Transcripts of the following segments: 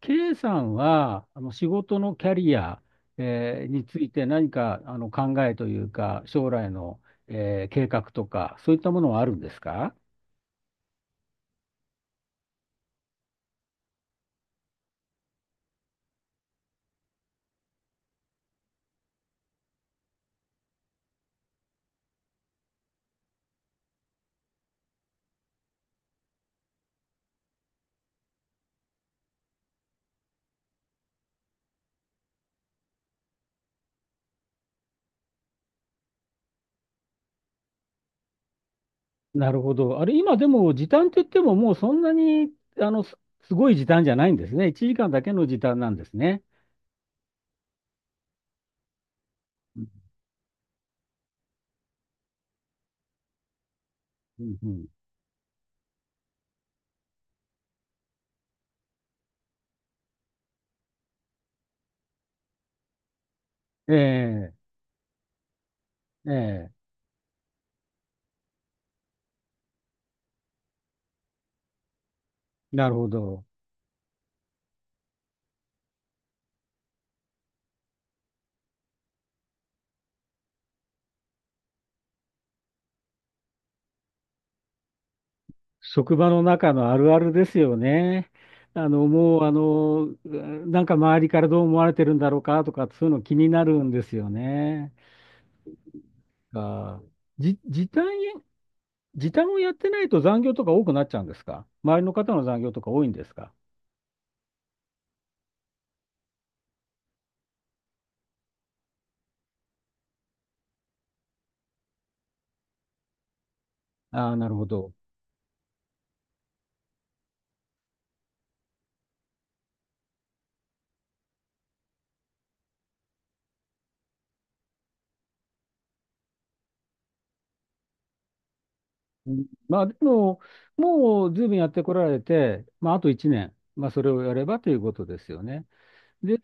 K さんは、仕事のキャリア、について何か考えというか、将来の、計画とか、そういったものはあるんですか？なるほど。あれ、今でも時短って言っても、もうそんなに、すごい時短じゃないんですね。1時間だけの時短なんですね。うん、うん、うん、ええええ。なるほど。職場の中のあるあるですよね。もう、なんか周りからどう思われてるんだろうかとか、そういうの気になるんですよね。あー、じ、時短時短をやってないと残業とか多くなっちゃうんですか？周りの方の残業とか多いんですか？ああー、なるほど。うん。まあ、でも、もう随分やってこられて、まあ、あと1年、まあ、それをやればということですよね。で、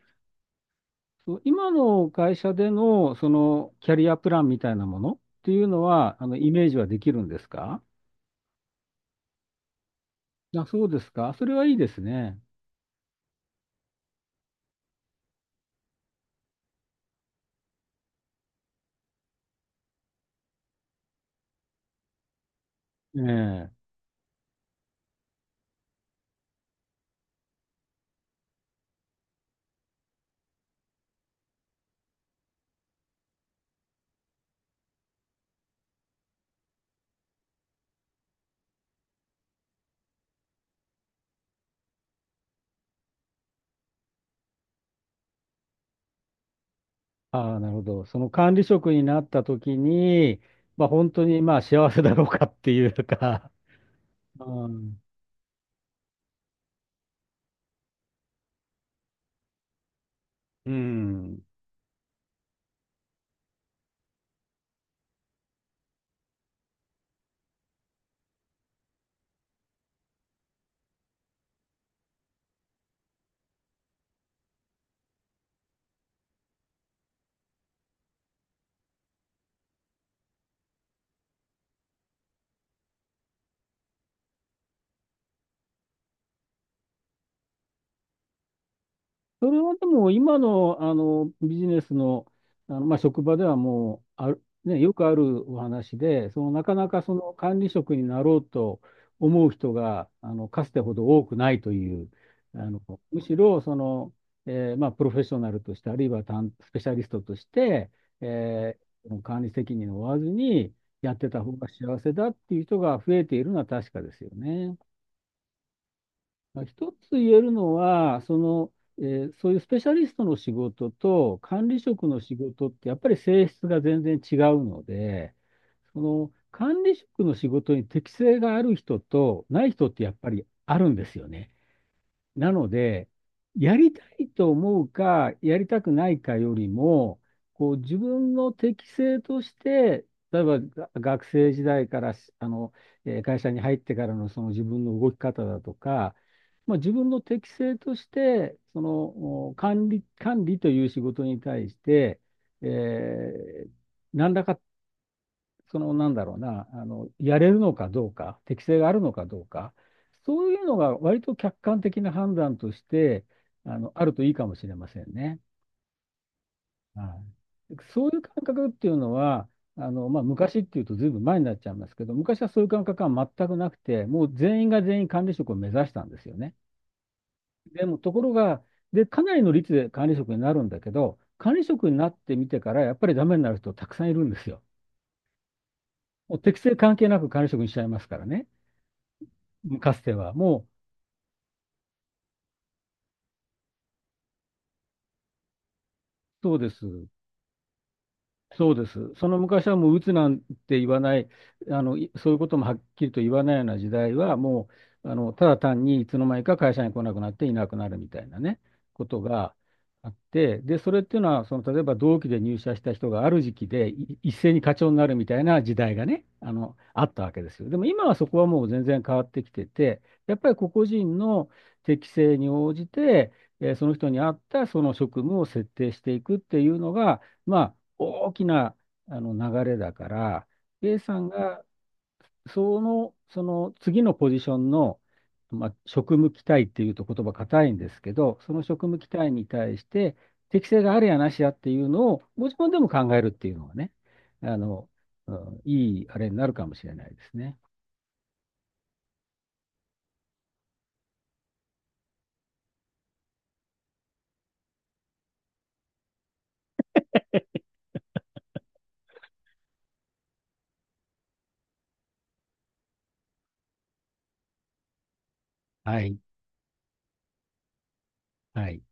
そう今の会社での、その、キャリアプランみたいなものっていうのは、イメージはできるんですか？あ、そうですか。それはいいですね。ええ。ああ、なるほど。その管理職になった時に、まあ本当にまあ幸せだろうかっていうか、うん。うん。それはでも今の、ビジネスの、まあ、職場ではもうある、ね、よくあるお話で、そのなかなかその管理職になろうと思う人がかつてほど多くないという、あのむしろその、まあ、プロフェッショナルとして、あるいはスペシャリストとして、えー管理責任を負わずにやってた方が幸せだっていう人が増えているのは確かですよね。まあ一つ言えるのは、その、えそういうスペシャリストの仕事と管理職の仕事ってやっぱり性質が全然違うので、その管理職の仕事に適性がある人とない人ってやっぱりあるんですよね。なので、やりたいと思うか、やりたくないかよりも、こう自分の適性として、例えばが学生時代からし会社に入ってからのその自分の動き方だとか、まあ、自分の適性として、そのお管理という仕事に対して、えー何らかその、なんだろうな、やれるのかどうか、適性があるのかどうか、そういうのが割と客観的な判断として、あるといいかもしれませんね。はい。そういう感覚っていうのは、まあ、昔っていうとずいぶん前になっちゃいますけど、昔はそういう感覚は全くなくて、もう全員が全員管理職を目指したんですよね。でも、ところが、で、かなりの率で管理職になるんだけど、管理職になってみてから、やっぱりダメになる人たくさんいるんですよ。もう適性関係なく管理職にしちゃいますからね。かつては。もう、そうです。そうです。その昔はもう鬱なんて言わない、そういうこともはっきりと言わないような時代は、もう、ただ単にいつの間にか会社に来なくなっていなくなるみたいなね、ことがあって、で、それっていうのは、その、例えば同期で入社した人がある時期で一斉に課長になるみたいな時代がね、あったわけですよ。でも今はそこはもう全然変わってきてて、やっぱり個々人の適性に応じて、その人に合ったその職務を設定していくっていうのが、まあ、大きなあの流れだから、A さんがその次のポジションの、まあ、職務期待っていうと言葉硬いんですけど、その職務期待に対して適性があるやなしやっていうのをご自分でも考えるっていうのがね、あの、うん、いいあれになるかもしれないですね。はい。はい。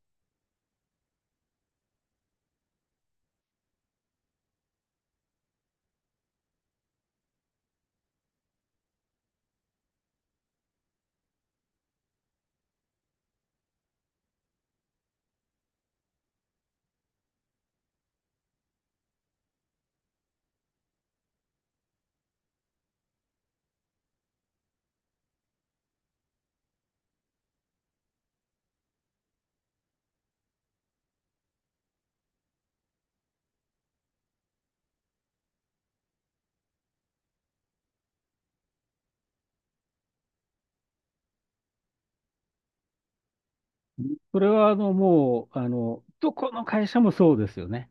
それはもうどこの会社もそうですよね。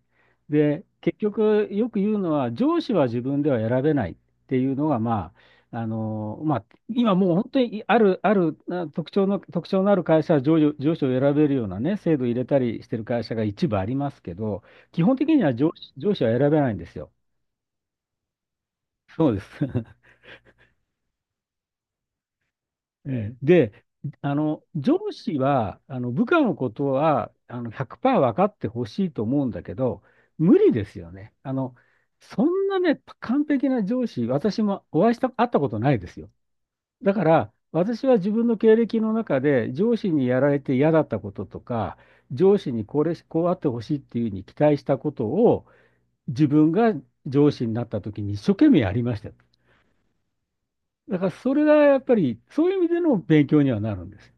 で結局よく言うのは上司は自分では選べないっていうのがまあ、まあ、今もう本当にある、あるあ特徴の、特徴のある会社は上司を選べるようなね制度を入れたりしてる会社が一部ありますけど、基本的には上司は選べないんですよ。そうです。ええ。で、上司は、部下のことは、100%分かってほしいと思うんだけど、無理ですよね。そんなね、完璧な上司、私もお会いした、会ったことないですよ。だから、私は自分の経歴の中で、上司にやられて嫌だったこととか、上司にこうあってほしいっていうふうに期待したことを、自分が上司になった時に一生懸命やりました。だから、それがやっぱり、そういう意味での勉強にはなるんです。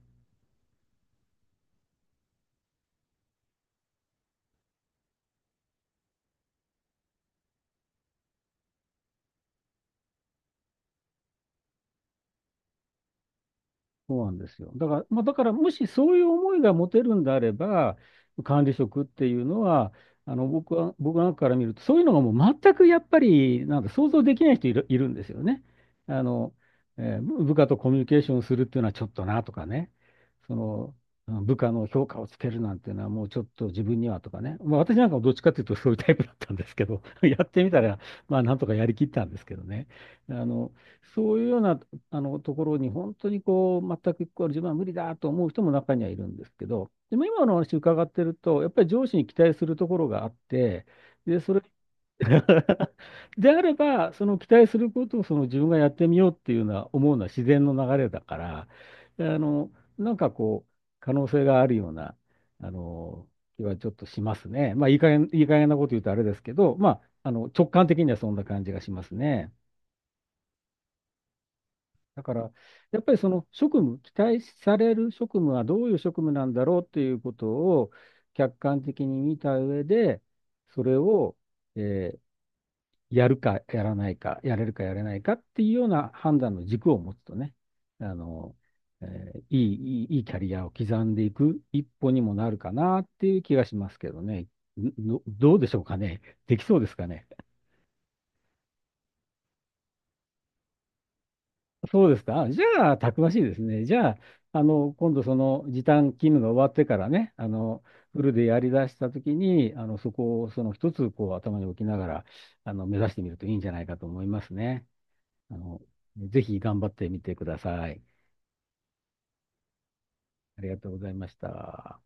そうなんですよ。だから、まあ、だからもしそういう思いが持てるんであれば、管理職っていうのは、僕なんかから見ると、そういうのがもう全くやっぱり、なんか想像できない人いるんですよね。あの、部下とコミュニケーションするっていうのはちょっとなとかね、その、うん、部下の評価をつけるなんていうのはもうちょっと自分にはとかね、まあ、私なんかもどっちかっていうとそういうタイプだったんですけど、やってみたら、まあなんとかやりきったんですけどね。あの、そういうようなところに本当にこう全くこう自分は無理だと思う人も中にはいるんですけど、でも今の話伺ってると、やっぱり上司に期待するところがあって、で、それ であれば、その期待することをその自分がやってみようっていうのは思うのは自然の流れだから、あのなんかこう、可能性があるようなあの気はちょっとしますね。まあ、いい加減、いい加減なこと言うとあれですけど、まあ、直感的にはそんな感じがしますね。だから、やっぱりその職務、期待される職務はどういう職務なんだろうということを客観的に見た上で、それを、えーやるかやらないか、やれるかやれないかっていうような判断の軸を持つとね、あの、えーいい、いいキャリアを刻んでいく一歩にもなるかなっていう気がしますけどね。どうでしょうかね。できそうですかね。そうですか。じゃあ、たくましいですね。じゃあ、今度その時短勤務が終わってからね、フルでやり出したときに、そこをその一つ、こう、頭に置きながら、目指してみるといいんじゃないかと思いますね。あの、ぜひ頑張ってみてください。ありがとうございました。